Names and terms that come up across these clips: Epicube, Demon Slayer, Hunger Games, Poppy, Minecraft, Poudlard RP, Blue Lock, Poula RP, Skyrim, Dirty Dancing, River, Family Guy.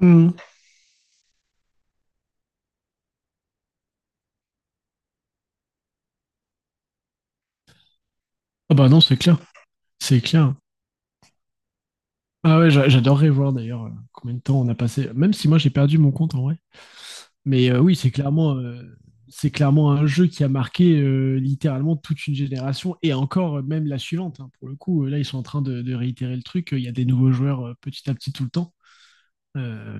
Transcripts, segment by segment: Mm. Ah bah non, c'est clair. C'est clair. Ah ouais, j'adorerais voir d'ailleurs combien de temps on a passé. Même si moi j'ai perdu mon compte en vrai. Mais oui, c'est clairement un jeu qui a marqué littéralement toute une génération et encore même la suivante. Hein. Pour le coup, là ils sont en train de réitérer le truc. Il y a des nouveaux joueurs petit à petit tout le temps. Euh,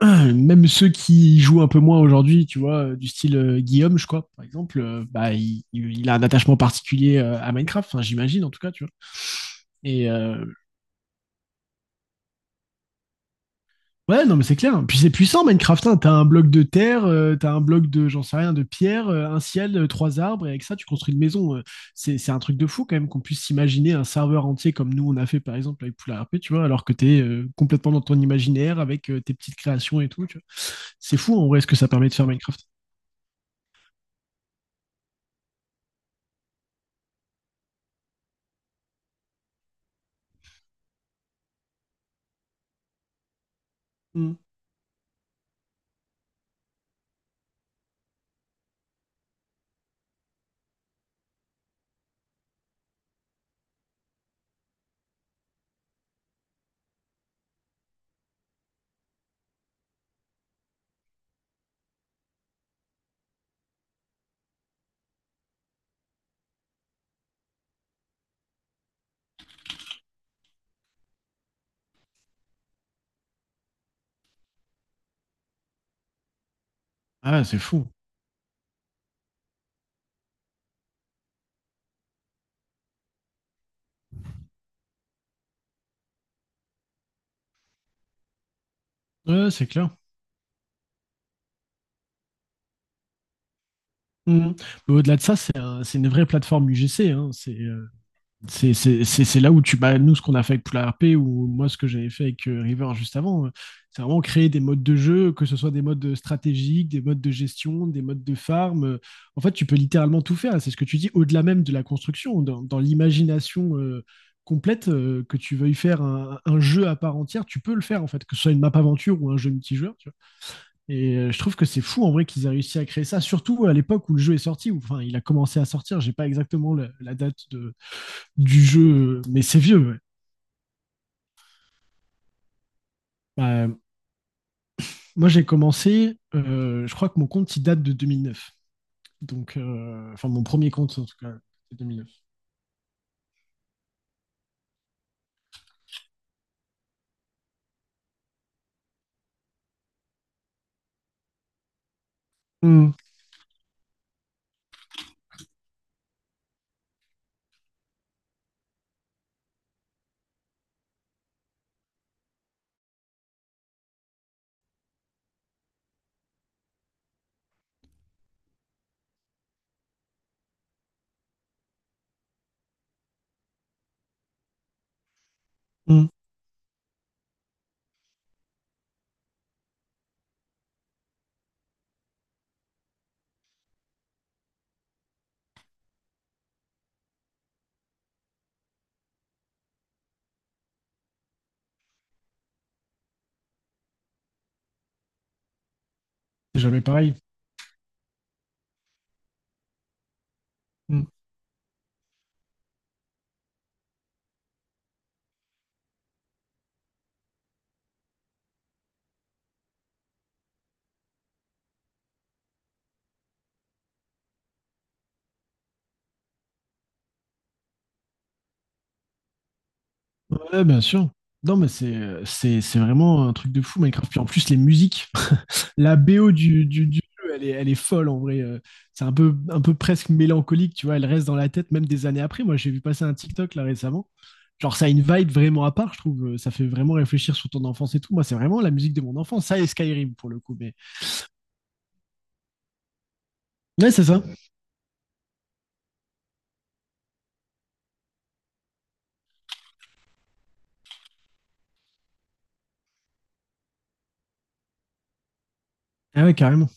même ceux qui jouent un peu moins aujourd'hui, tu vois, du style Guillaume, je crois, par exemple, bah, il a un attachement particulier à Minecraft, enfin, j'imagine en tout cas, tu vois. Et ouais, non, mais c'est clair. Puis c'est puissant, Minecraft. Hein. T'as un bloc de terre, t'as un bloc de, j'en sais rien, de pierre, un ciel, trois arbres, et avec ça, tu construis une maison. C'est un truc de fou, quand même, qu'on puisse s'imaginer un serveur entier comme nous, on a fait, par exemple, avec Poula R P. Tu vois, alors que t'es complètement dans ton imaginaire avec tes petites créations et tout, tu vois. C'est fou, en vrai, ce que ça permet de faire Minecraft. Mm. Ah, ouais, c'est fou. Ouais, c'est clair. Mm. Mais au-delà de ça, c'est une vraie plateforme UGC. Hein. C'est là où tu. Bah, nous, ce qu'on a fait avec Poula RP ou moi, ce que j'avais fait avec River juste avant, c'est vraiment créer des modes de jeu, que ce soit des modes stratégiques, des modes de gestion, des modes de farm. En fait, tu peux littéralement tout faire. C'est ce que tu dis, au-delà même de la construction, dans l'imagination complète, que tu veuilles faire un jeu à part entière, tu peux le faire, en fait, que ce soit une map aventure ou un jeu multijoueur. Tu vois. Et je trouve que c'est fou, en vrai, qu'ils aient réussi à créer ça, surtout à l'époque où le jeu est sorti, ou enfin, il a commencé à sortir. J'ai pas exactement la date de du jeu, mais c'est vieux. Ouais. Bah, moi, j'ai commencé, je crois que mon compte, il date de 2009. Donc, enfin, mon premier compte, en tout cas, c'est 2009. Mm, mm. C'est jamais pareil. Mm. Ouais, bien sûr. Non, mais c'est vraiment un truc de fou, Minecraft. Puis en plus, les musiques, la BO du jeu, elle est folle en vrai. C'est un peu presque mélancolique, tu vois. Elle reste dans la tête même des années après. Moi, j'ai vu passer un TikTok là récemment. Genre, ça a une vibe vraiment à part, je trouve. Ça fait vraiment réfléchir sur ton enfance et tout. Moi, c'est vraiment la musique de mon enfance. Ça et Skyrim pour le coup. Mais ouais, c'est ça. Ah ouais, carrément.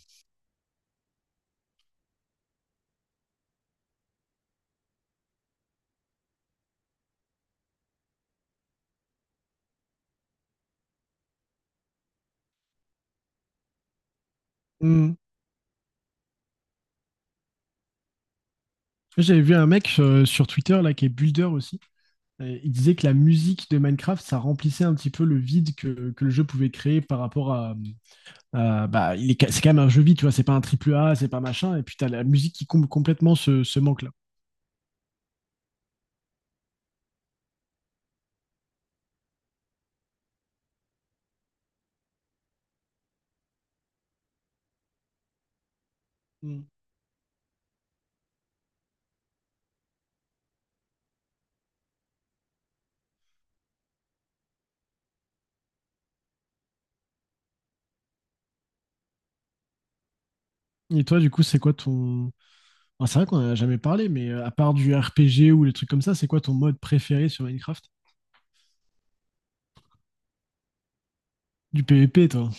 Mm. J'avais vu un mec sur Twitter là qui est builder aussi. Il disait que la musique de Minecraft, ça remplissait un petit peu le vide que le jeu pouvait créer par rapport à, bah, c'est quand même un jeu vide, tu vois, c'est pas un triple A, c'est pas machin, et puis t'as la musique qui comble complètement ce manque-là. Mm. Et toi, du coup, c'est quoi ton. Enfin, c'est vrai qu'on en a jamais parlé, mais à part du RPG ou les trucs comme ça, c'est quoi ton mode préféré sur Minecraft? Du PvP, toi?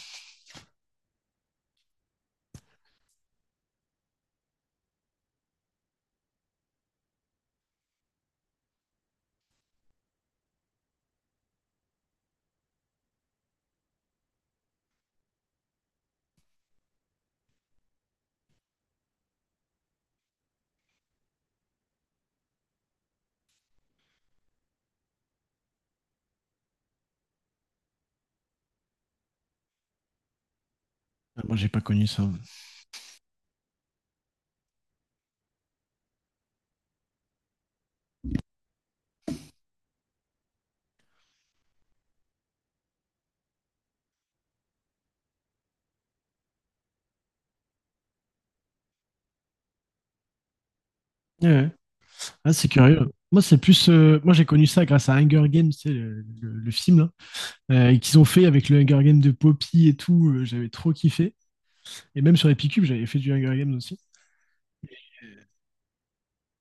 Ah, moi, j'ai pas connu ça. Ouais, ouais. Ah, c'est curieux. Moi, j'ai connu ça grâce à Hunger Games, c'est le film, là, et qu'ils ont fait avec le Hunger Games de Poppy et tout, j'avais trop kiffé. Et même sur Epicube, j'avais fait du Hunger Games aussi.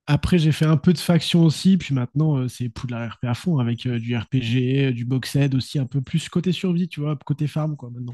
Après, j'ai fait un peu de faction aussi, puis maintenant, c'est Poudlard RP à fond, avec du RPG, du box-ed aussi, un peu plus côté survie, tu vois, côté farm, quoi, maintenant.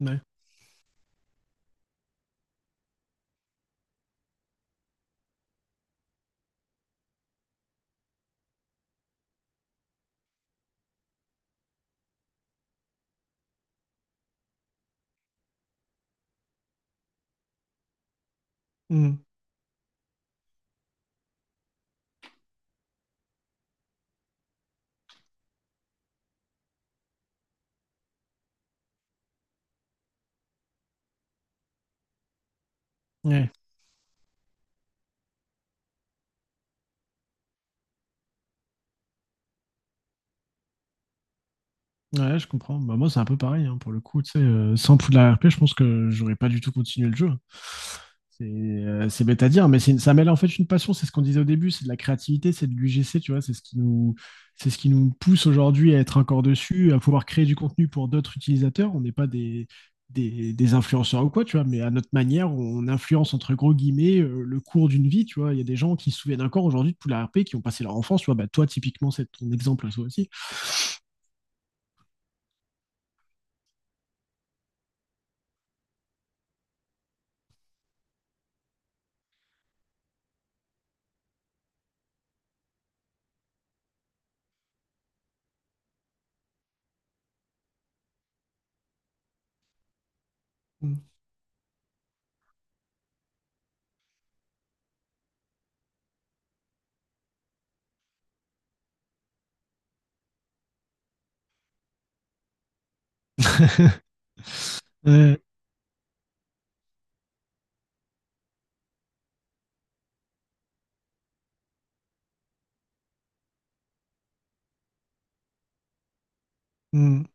Ouais. Mm. Ouais. Ouais, je comprends. Bah, moi, c'est un peu pareil, hein, pour le coup. Tu sais, sans Poudlard RP, je pense que j'aurais pas du tout continué le jeu. C'est bête à dire, mais ça mêle en fait une passion. C'est ce qu'on disait au début, c'est de la créativité, c'est de l'UGC, tu vois. C'est ce qui nous pousse aujourd'hui à être encore dessus, à pouvoir créer du contenu pour d'autres utilisateurs. On n'est pas des influenceurs ou quoi, tu vois, mais à notre manière, on influence entre gros guillemets le cours d'une vie, tu vois. Il y a des gens qui se souviennent encore aujourd'hui de Poudlard RP, qui ont passé leur enfance, tu vois. Bah, toi, typiquement, c'est ton exemple, à toi aussi. Ouais. Mm.